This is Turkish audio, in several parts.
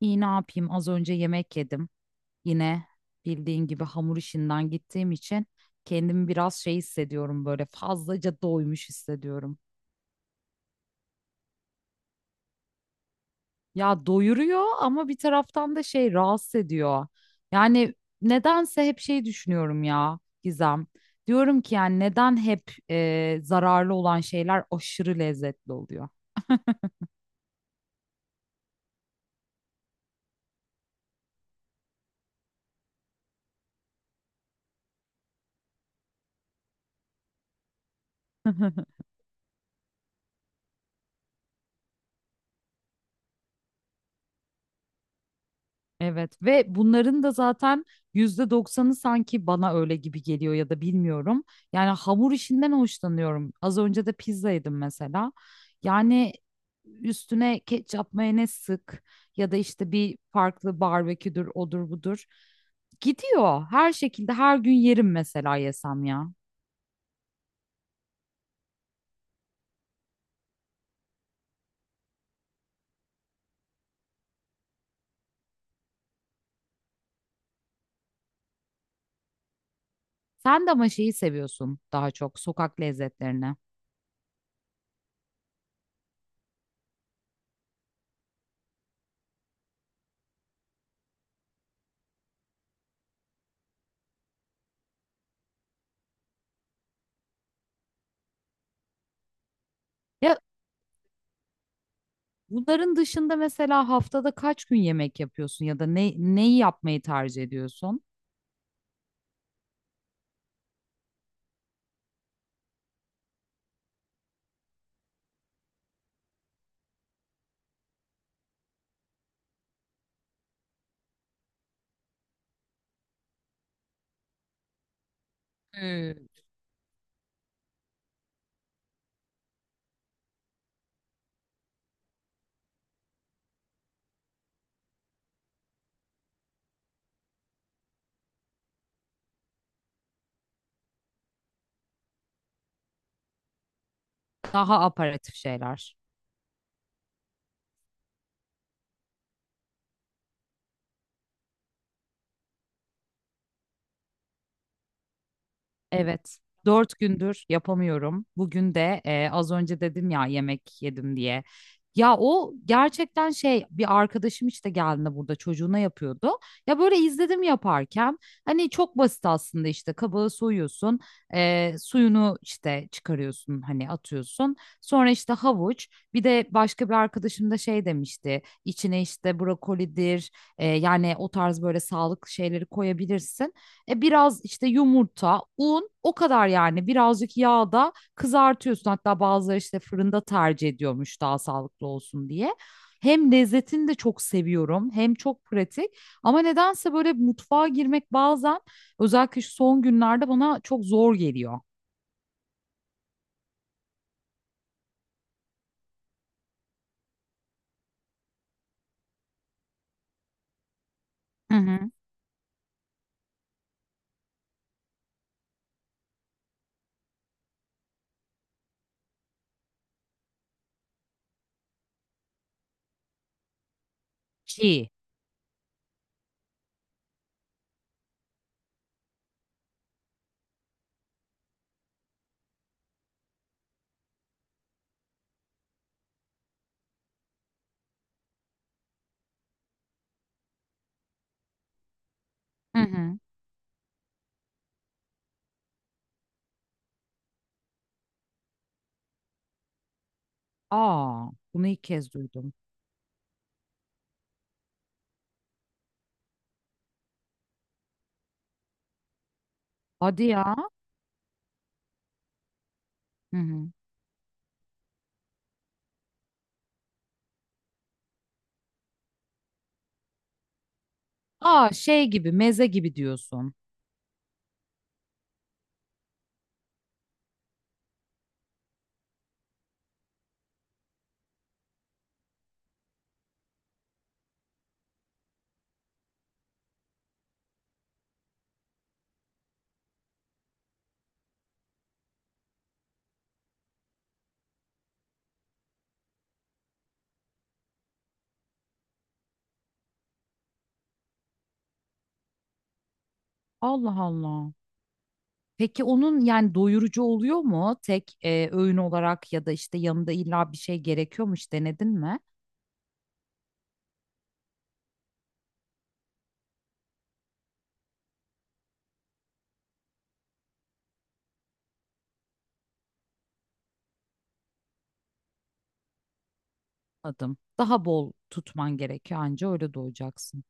İyi ne yapayım? Az önce yemek yedim. Yine bildiğin gibi hamur işinden gittiğim için kendimi biraz hissediyorum, böyle fazlaca doymuş hissediyorum. Ya doyuruyor ama bir taraftan da rahatsız ediyor. Yani nedense hep şey düşünüyorum ya Gizem. Diyorum ki yani neden hep zararlı olan şeyler aşırı lezzetli oluyor? Evet ve bunların da zaten yüzde doksanı sanki bana öyle gibi geliyor ya da bilmiyorum. Yani hamur işinden hoşlanıyorum. Az önce de pizza yedim mesela. Yani üstüne ketçap mayonez sık ya da işte bir farklı barbeküdür odur budur. Gidiyor. Her şekilde her gün yerim mesela yesem ya. Sen de ama şeyi seviyorsun, daha çok sokak lezzetlerini. Ya bunların dışında mesela haftada kaç gün yemek yapıyorsun ya da neyi yapmayı tercih ediyorsun? Hmm. Daha aparatif şeyler. Evet. Dört gündür yapamıyorum. Bugün de az önce dedim ya yemek yedim diye. Ya o gerçekten şey, bir arkadaşım işte geldiğinde burada çocuğuna yapıyordu. Ya böyle izledim yaparken, hani çok basit aslında. İşte kabağı soyuyorsun, suyunu işte çıkarıyorsun, hani atıyorsun. Sonra işte havuç, bir de başka bir arkadaşım da şey demişti, içine işte brokolidir, yani o tarz böyle sağlıklı şeyleri koyabilirsin. Biraz işte yumurta, un, o kadar yani. Birazcık yağda kızartıyorsun. Hatta bazıları işte fırında tercih ediyormuş daha sağlıklı olsun diye. Hem lezzetini de çok seviyorum hem çok pratik, ama nedense böyle mutfağa girmek bazen, özellikle şu son günlerde, bana çok zor geliyor. Hı hı. Çiğ. Hı hı. Aa, bunu ilk kez duydum. Hadi ya. Hı hı. Aa, şey gibi, meze gibi diyorsun. Allah Allah. Peki onun yani doyurucu oluyor mu tek öğün olarak, ya da işte yanında illa bir şey gerekiyormuş, denedin mi? Adım. Daha bol tutman gerekiyor, anca öyle doyacaksın.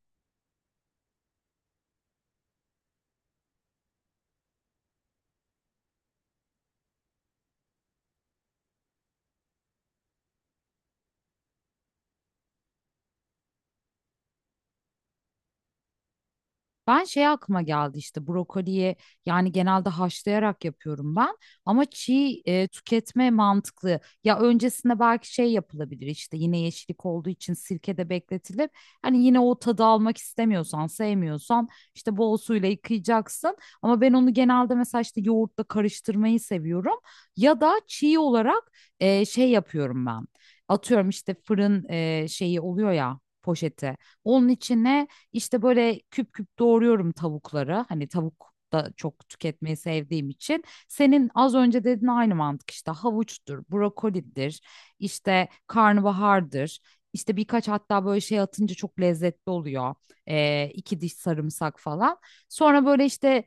Ben şey, aklıma geldi işte brokoliye, yani genelde haşlayarak yapıyorum ben, ama çiğ tüketme mantıklı. Ya öncesinde belki şey yapılabilir, işte yine yeşillik olduğu için sirkede bekletilip, hani yine o tadı almak istemiyorsan, sevmiyorsan, işte bol suyla yıkayacaksın. Ama ben onu genelde mesela işte yoğurtla karıştırmayı seviyorum, ya da çiğ olarak şey yapıyorum ben. Atıyorum işte fırın şeyi oluyor ya, poşeti, onun içine işte böyle küp küp doğruyorum tavukları. Hani tavuk da çok tüketmeyi sevdiğim için. Senin az önce dediğin aynı mantık işte: havuçtur, brokolidir, işte karnabahardır. İşte birkaç, hatta böyle şey atınca çok lezzetli oluyor. İki diş sarımsak falan. Sonra böyle işte,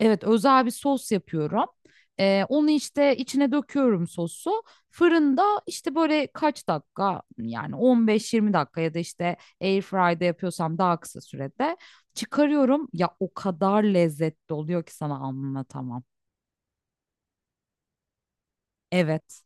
evet, özel bir sos yapıyorum. Onu işte içine döküyorum, sosu. Fırında işte böyle kaç dakika, yani 15-20 dakika, ya da işte airfry'de yapıyorsam daha kısa sürede çıkarıyorum. Ya o kadar lezzetli oluyor ki sana anlatamam. Evet.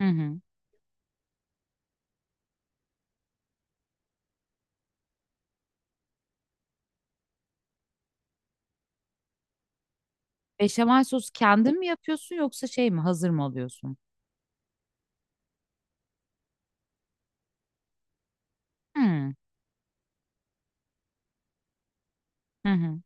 Hı hı. Beşamel sosu kendin mi yapıyorsun, yoksa şey mi hazır mı alıyorsun? Hı hı. Hı.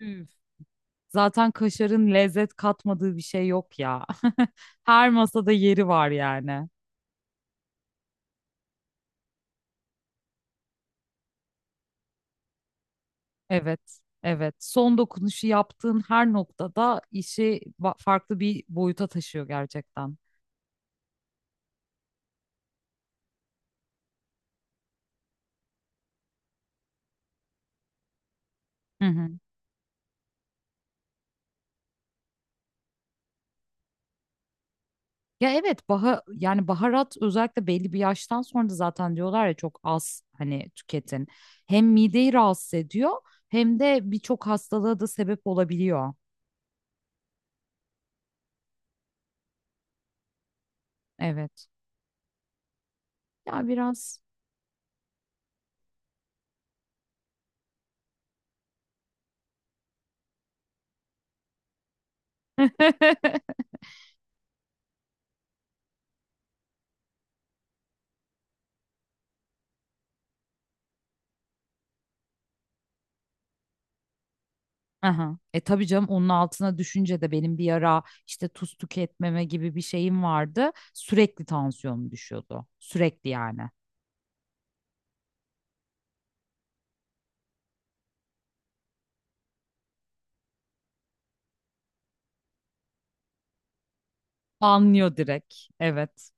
Üf. Zaten kaşarın lezzet katmadığı bir şey yok ya. Her masada yeri var yani. Evet, evet. Son dokunuşu yaptığın her noktada işi farklı bir boyuta taşıyor gerçekten. Hı hı. Ya evet, yani baharat, özellikle belli bir yaştan sonra da zaten diyorlar ya, çok az hani tüketin. Hem mideyi rahatsız ediyor hem de birçok hastalığa da sebep olabiliyor. Evet. Ya biraz. Aha. E tabii canım, onun altına düşünce de... Benim bir ara işte tuz tüketmeme gibi bir şeyim vardı. Sürekli tansiyonum düşüyordu. Sürekli yani. Anlıyor direkt. Evet.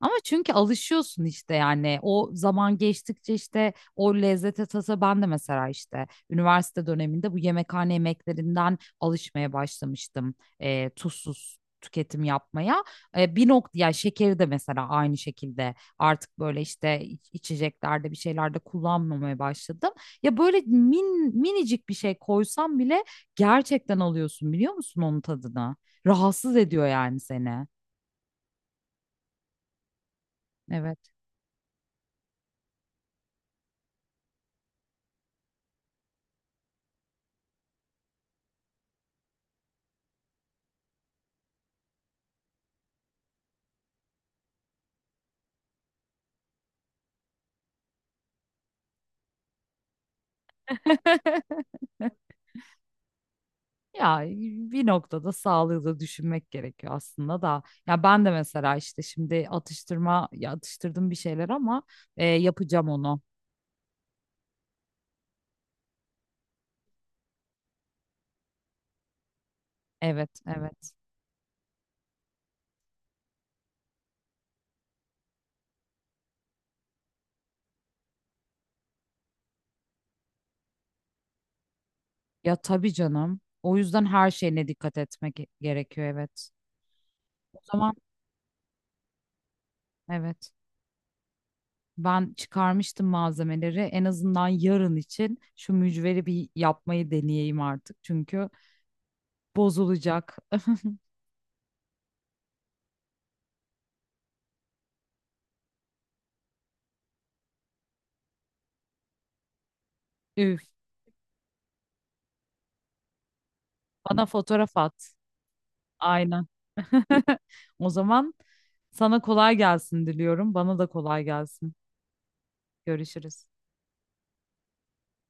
Ama çünkü alışıyorsun işte, yani o zaman geçtikçe işte o lezzete, tasa. Ben de mesela işte üniversite döneminde bu yemekhane yemeklerinden alışmaya başlamıştım tuzsuz tüketim yapmaya. Bir nokta ya, şekeri de mesela aynı şekilde artık böyle işte içeceklerde, bir şeylerde kullanmamaya başladım. Ya böyle minicik bir şey koysam bile gerçekten alıyorsun, biliyor musun, onun tadını? Rahatsız ediyor yani seni. Evet. Ya bir noktada sağlığı da düşünmek gerekiyor aslında da. Ya ben de mesela işte şimdi atıştırma ya atıştırdım bir şeyler ama yapacağım onu. Evet, evet. Ya tabii canım. O yüzden her şeyine dikkat etmek gerekiyor, evet. O zaman evet. Ben çıkarmıştım malzemeleri. En azından yarın için şu mücveri bir yapmayı deneyeyim artık. Çünkü bozulacak. Üf. Bana fotoğraf at. Aynen. O zaman sana kolay gelsin diliyorum. Bana da kolay gelsin. Görüşürüz.